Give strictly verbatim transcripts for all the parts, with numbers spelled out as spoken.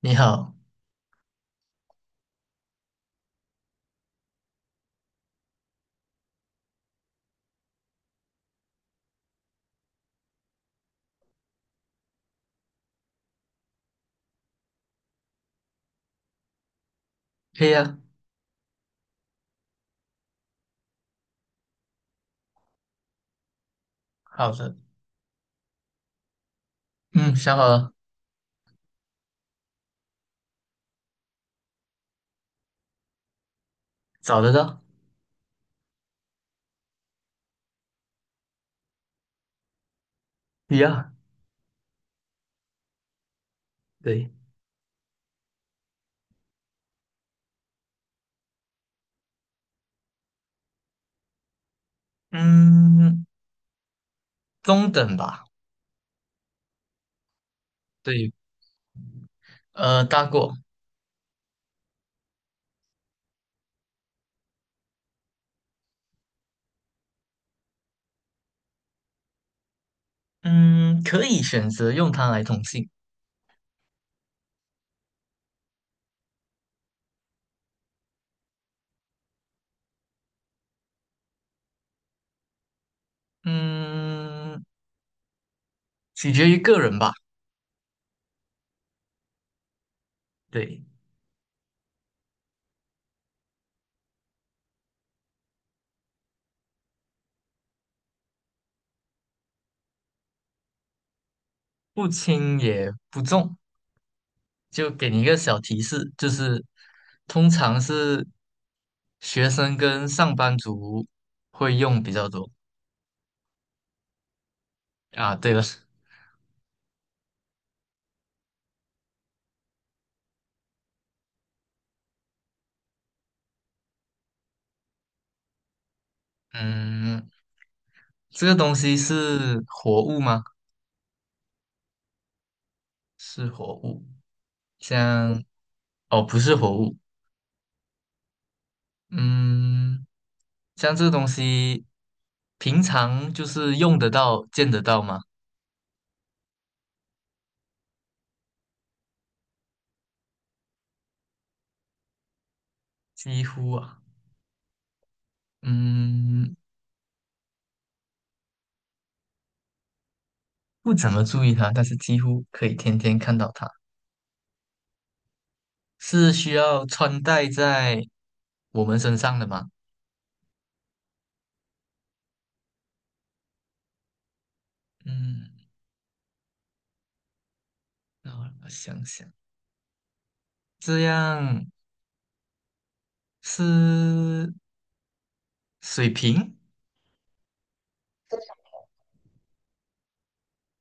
你好。可以啊。好的。嗯，想好了。找得到。一样。对。嗯，中等吧。对，呃，大过。嗯，可以选择用它来通信。嗯，取决于个人吧。对。不轻也不重。就给你一个小提示，就是通常是学生跟上班族会用比较多。啊，对了。嗯，这个东西是活物吗？是活物，像哦，不是活物。嗯，像这个东西，平常就是用得到、见得到吗？几乎啊。嗯，不怎么注意它，但是几乎可以天天看到它。是需要穿戴在我们身上的吗？嗯，那我想想，这样是水瓶？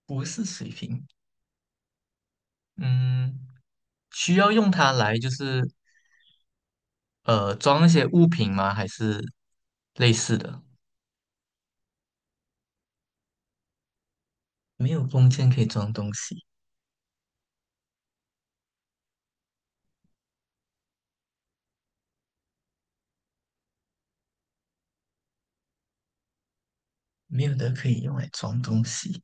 不是水瓶。嗯，需要用它来就是呃，装一些物品吗？还是类似的？没有空间可以装东西。没有的可以用来装东西。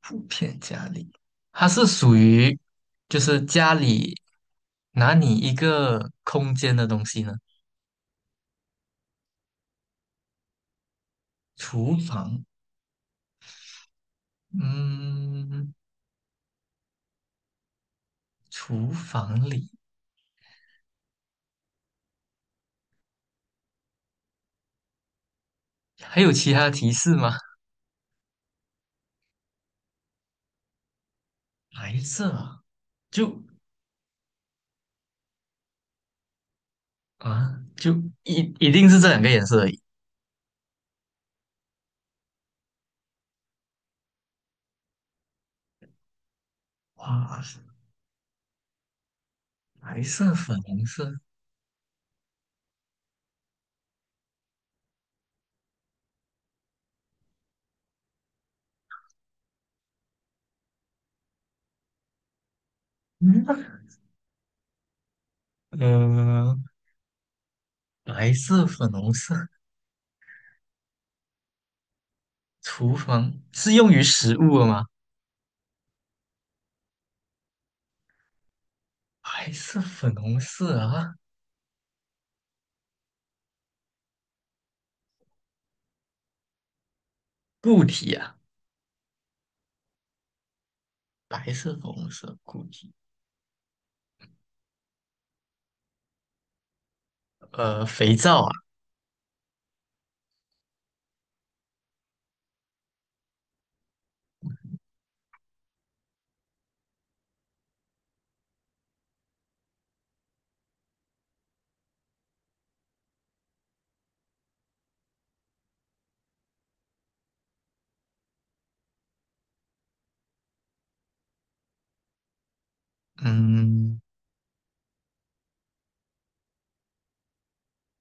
普遍家里，它是属于就是家里拿你一个空间的东西呢。厨房。嗯，厨房里还有其他提示吗？白色啊。就啊，就一一定是这两个颜色而已。哇，白色、粉红色。嗯，呃，白色、粉红色，厨房是用于食物的吗？白色、粉红色啊。固体啊。白色、粉红色固体，呃，肥皂啊。嗯，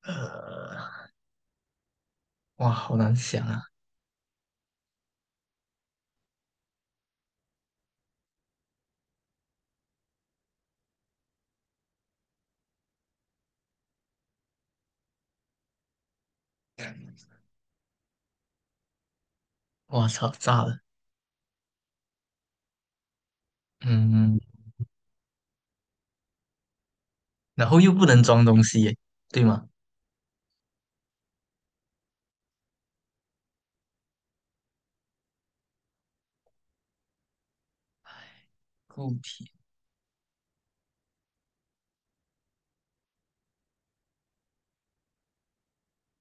呃，哇，好难想啊。哇操，炸了。嗯，然后又不能装东西耶，对吗？固体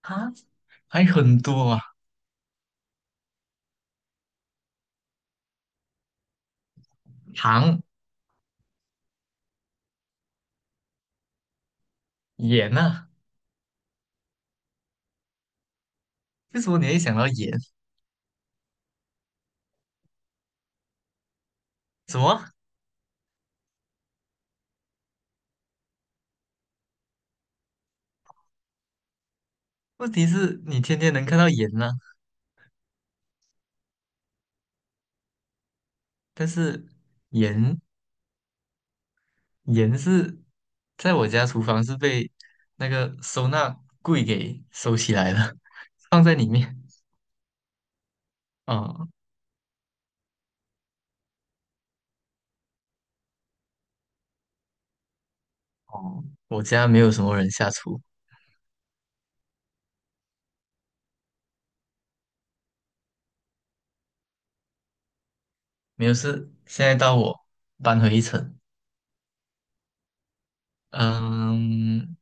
啊。还很多啊。糖、盐啊。为什么你会想到盐？什么？问题是你天天能看到盐呢、但是盐盐是在我家厨房是被那个收纳柜给收起来了，放在里面。哦哦，我家没有什么人下厨。没有事。现在到我搬回一层。嗯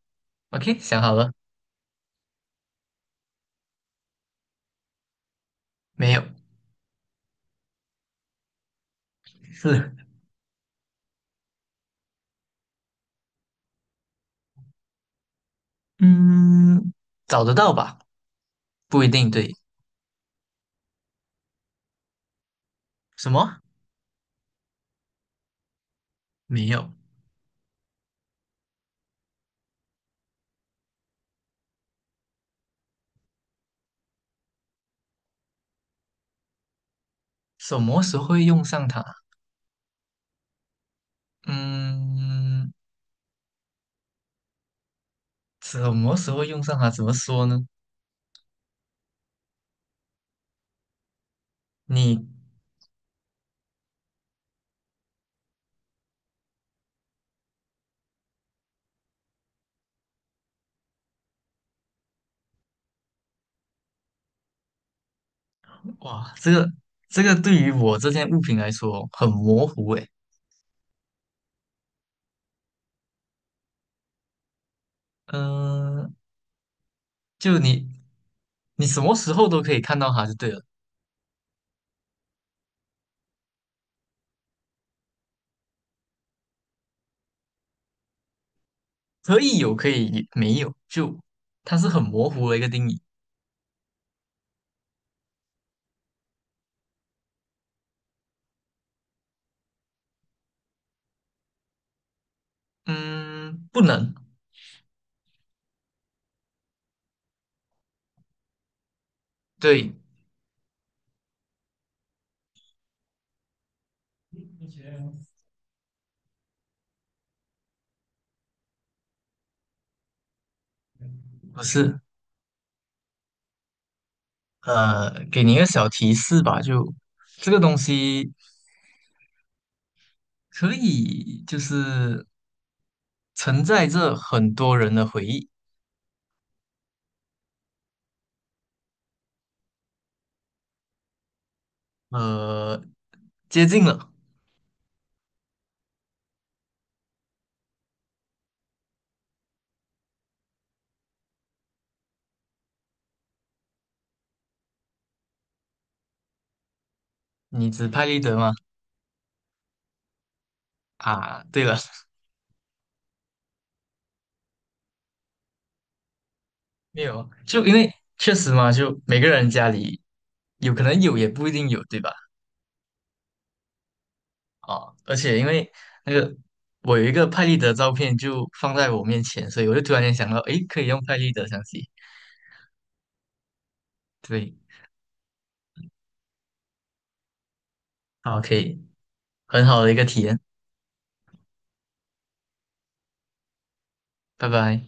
，OK,想好了没有？是。嗯，找得到吧？不一定对。什么？没有。什么时候会用上它？嗯，什么时候用上它？怎么说呢？你哇，这个这个对于我这件物品来说哦很模糊诶。嗯、就你你什么时候都可以看到它就对了。可以有，可以没有，就它是很模糊的一个定义。嗯，不能。对。不是。呃，给你一个小提示吧，就这个东西可以就是承载着很多人的回忆。呃，接近了。你指派立得吗？啊，对了，没有，就因为确实嘛，就每个人家里有可能有，也不一定有，对吧？啊，而且因为那个我有一个拍立得照片就放在我面前，所以我就突然间想到，诶，可以用拍立得相机。对。好，可以。很好的一个体验。拜拜。